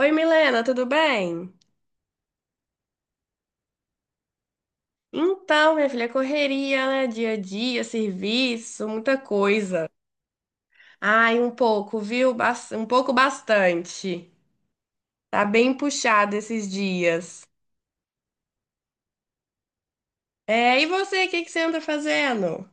Oi, Milena, tudo bem? Então, minha filha, correria, né? Dia a dia, serviço, muita coisa. Ai, um pouco, viu? Um pouco bastante. Tá bem puxado esses dias. É, e você, o que que você anda fazendo?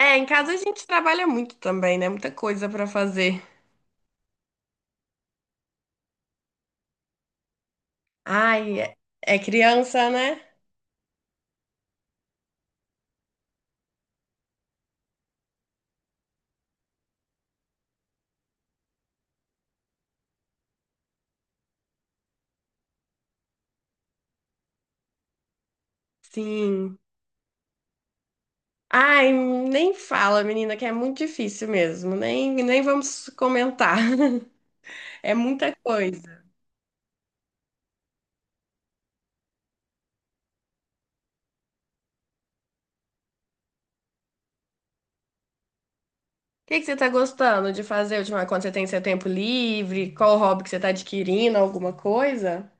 É, em casa a gente trabalha muito também, né? Muita coisa pra fazer. Ai, é é criança, né? Sim. Ai, nem fala, menina, que é muito difícil mesmo. Nem vamos comentar. É muita coisa. O que que você tá gostando de fazer ultimamente, quando você tem seu tempo livre? Qual hobby que você tá adquirindo? Alguma coisa?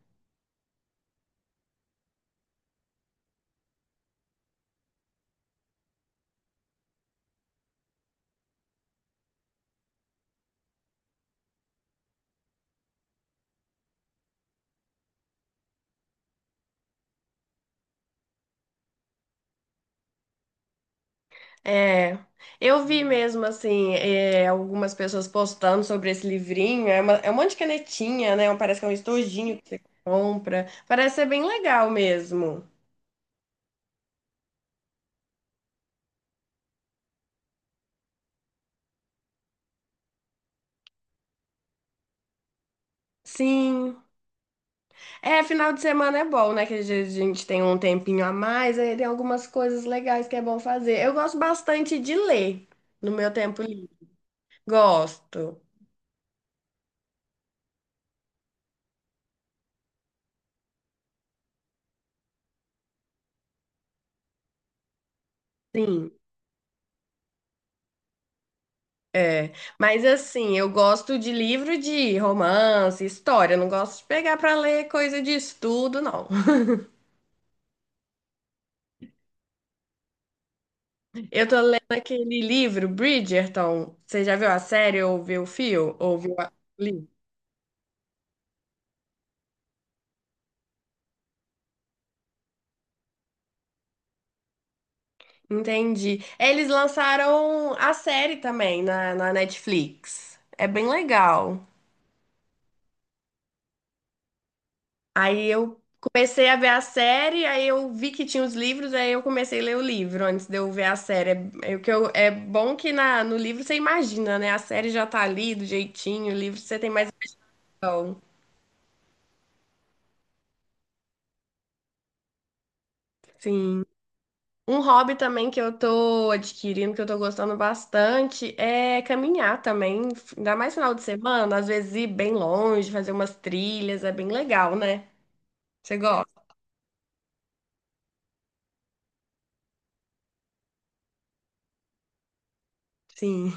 É, eu vi mesmo, assim, é, algumas pessoas postando sobre esse livrinho. É, é um monte de canetinha, né? Parece que é um estojinho que você compra. Parece ser bem legal mesmo. Sim. É, final de semana é bom, né? Que às vezes a gente tem um tempinho a mais, aí tem algumas coisas legais que é bom fazer. Eu gosto bastante de ler no meu tempo livre. Gosto. Sim. É, mas assim, eu gosto de livro de romance, história, eu não gosto de pegar pra ler coisa de estudo, não. Eu tô lendo aquele livro, Bridgerton. Você já viu a série ou viu o fio? Ou viu a... li? Entendi. Eles lançaram a série também na Netflix. É bem legal. Aí eu comecei a ver a série, aí eu vi que tinha os livros, aí eu comecei a ler o livro antes de eu ver a série. É, é o que é bom que na, no livro você imagina, né? A série já tá ali do jeitinho, o livro você tem mais noção. Sim. Um hobby também que eu tô adquirindo, que eu tô gostando bastante, é caminhar também. Ainda mais final de semana, às vezes ir bem longe, fazer umas trilhas, é bem legal, né? Você gosta? Sim.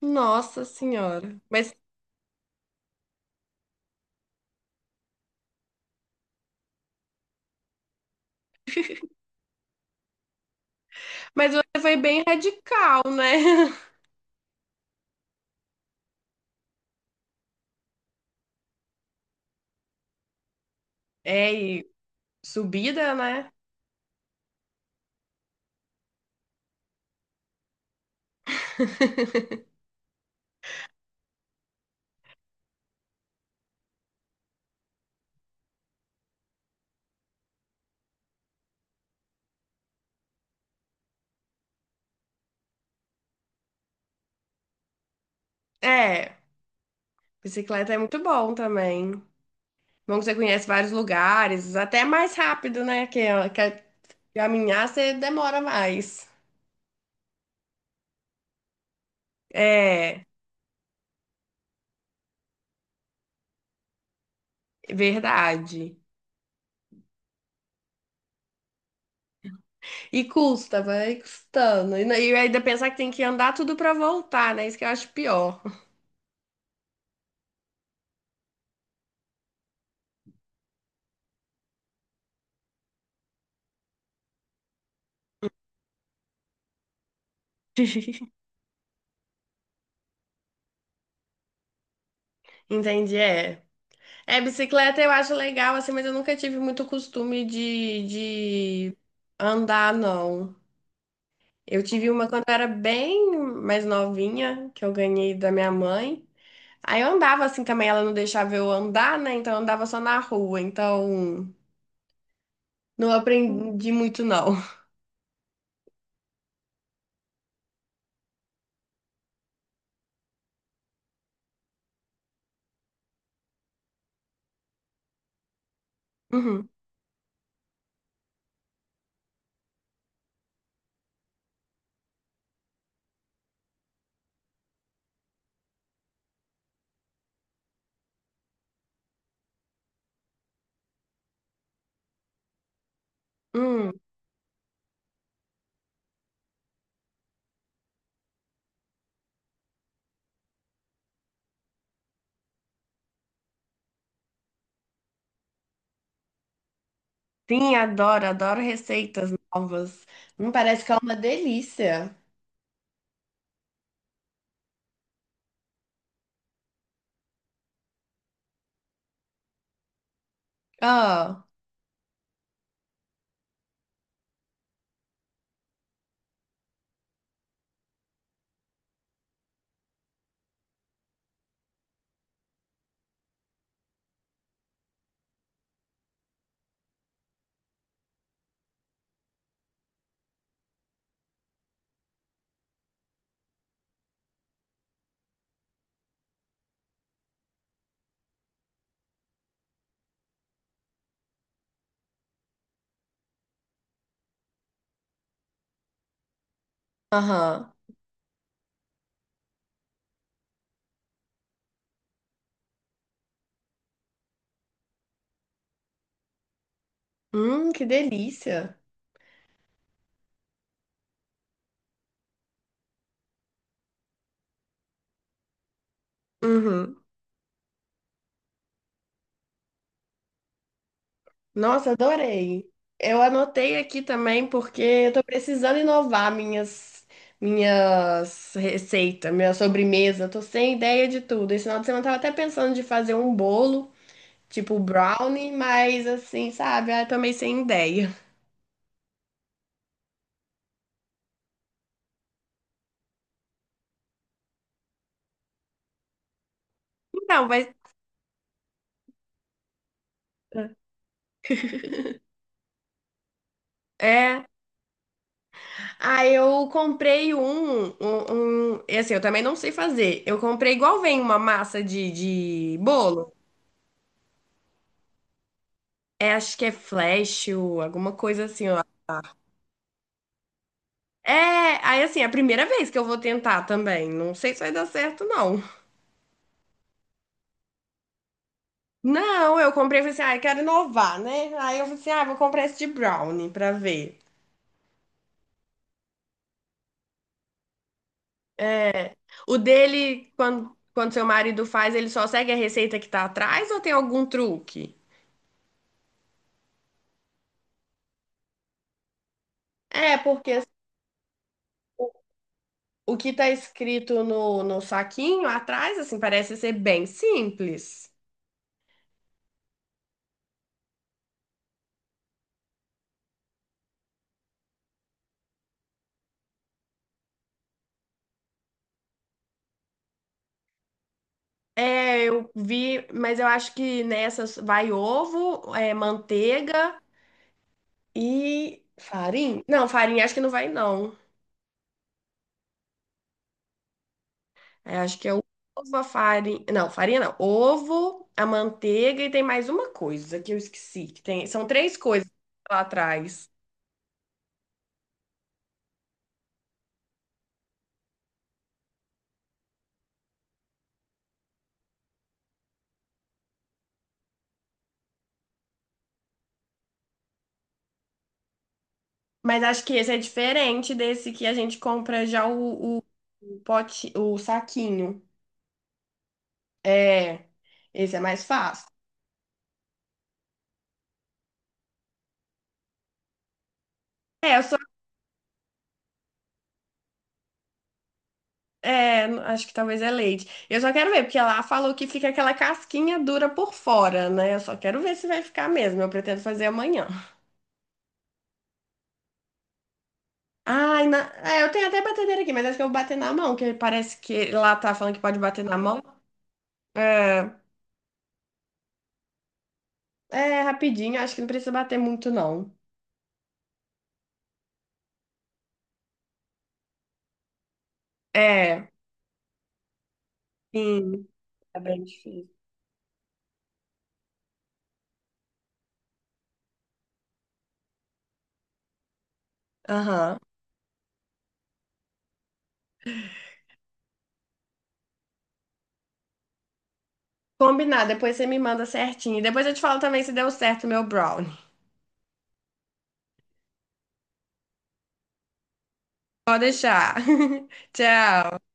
Nossa Senhora. Mas você foi bem radical, né? É, e subida, né? É, bicicleta é muito bom também. Bom que você conhece vários lugares, até mais rápido, né? Que caminhar você demora mais. É, verdade. E custa, vai custando. E, e ainda pensar que tem que andar tudo pra voltar, né? Isso que eu acho pior. Entendi, é. É, bicicleta eu acho legal, assim, mas eu nunca tive muito costume de andar, não. Eu tive uma quando eu era bem mais novinha, que eu ganhei da minha mãe. Aí eu andava assim também, ela não deixava eu andar, né? Então eu andava só na rua. Então não aprendi muito, não. Uhum. Hum. Sim, adoro, adoro receitas novas. Parece que é uma delícia. Ah, aham. Que delícia. Uhum. Nossa, adorei. Eu anotei aqui também porque eu tô precisando inovar minhas receitas, minha sobremesa. Eu tô sem ideia de tudo. Esse final de semana eu tava até pensando de fazer um bolo, tipo brownie, mas assim, sabe? Ah, eu tô meio sem ideia. Então, mas é. Ah, eu comprei um. Assim, eu também não sei fazer. Eu comprei igual vem uma massa de bolo. É, acho que é flash, ou alguma coisa assim, ó. É, aí assim, é a primeira vez que eu vou tentar também. Não sei se vai dar certo, não. Não, eu comprei e falei assim, ah, eu quero inovar, né? Aí eu falei assim, ah, vou comprar esse de brownie pra ver. O dele, quando seu marido faz, ele só segue a receita que tá atrás ou tem algum truque? É, porque o que tá escrito no saquinho atrás, assim, parece ser bem simples. É, eu vi, mas eu acho que nessas vai ovo, é, manteiga. E farinha? Não, farinha acho que não vai, não. É, acho que é o ovo, a farinha. Não, farinha não. Ovo, a manteiga e tem mais uma coisa que eu esqueci. Que tem... São três coisas lá atrás. Mas acho que esse é diferente desse que a gente compra já o pote, o saquinho. É, esse é mais fácil. É, eu só. É, acho que talvez é leite. Eu só quero ver, porque lá falou que fica aquela casquinha dura por fora, né? Eu só quero ver se vai ficar mesmo. Eu pretendo fazer amanhã. Ai, na... é, eu tenho até batedeira aqui, mas acho que eu vou bater na mão, que parece que lá tá falando que pode bater na mão. É, é rapidinho, acho que não precisa bater muito, não. É, sim. É bem difícil. Aham. Combinado, depois você me manda certinho. Depois eu te falo também se deu certo o meu brownie. Pode deixar. Tchau.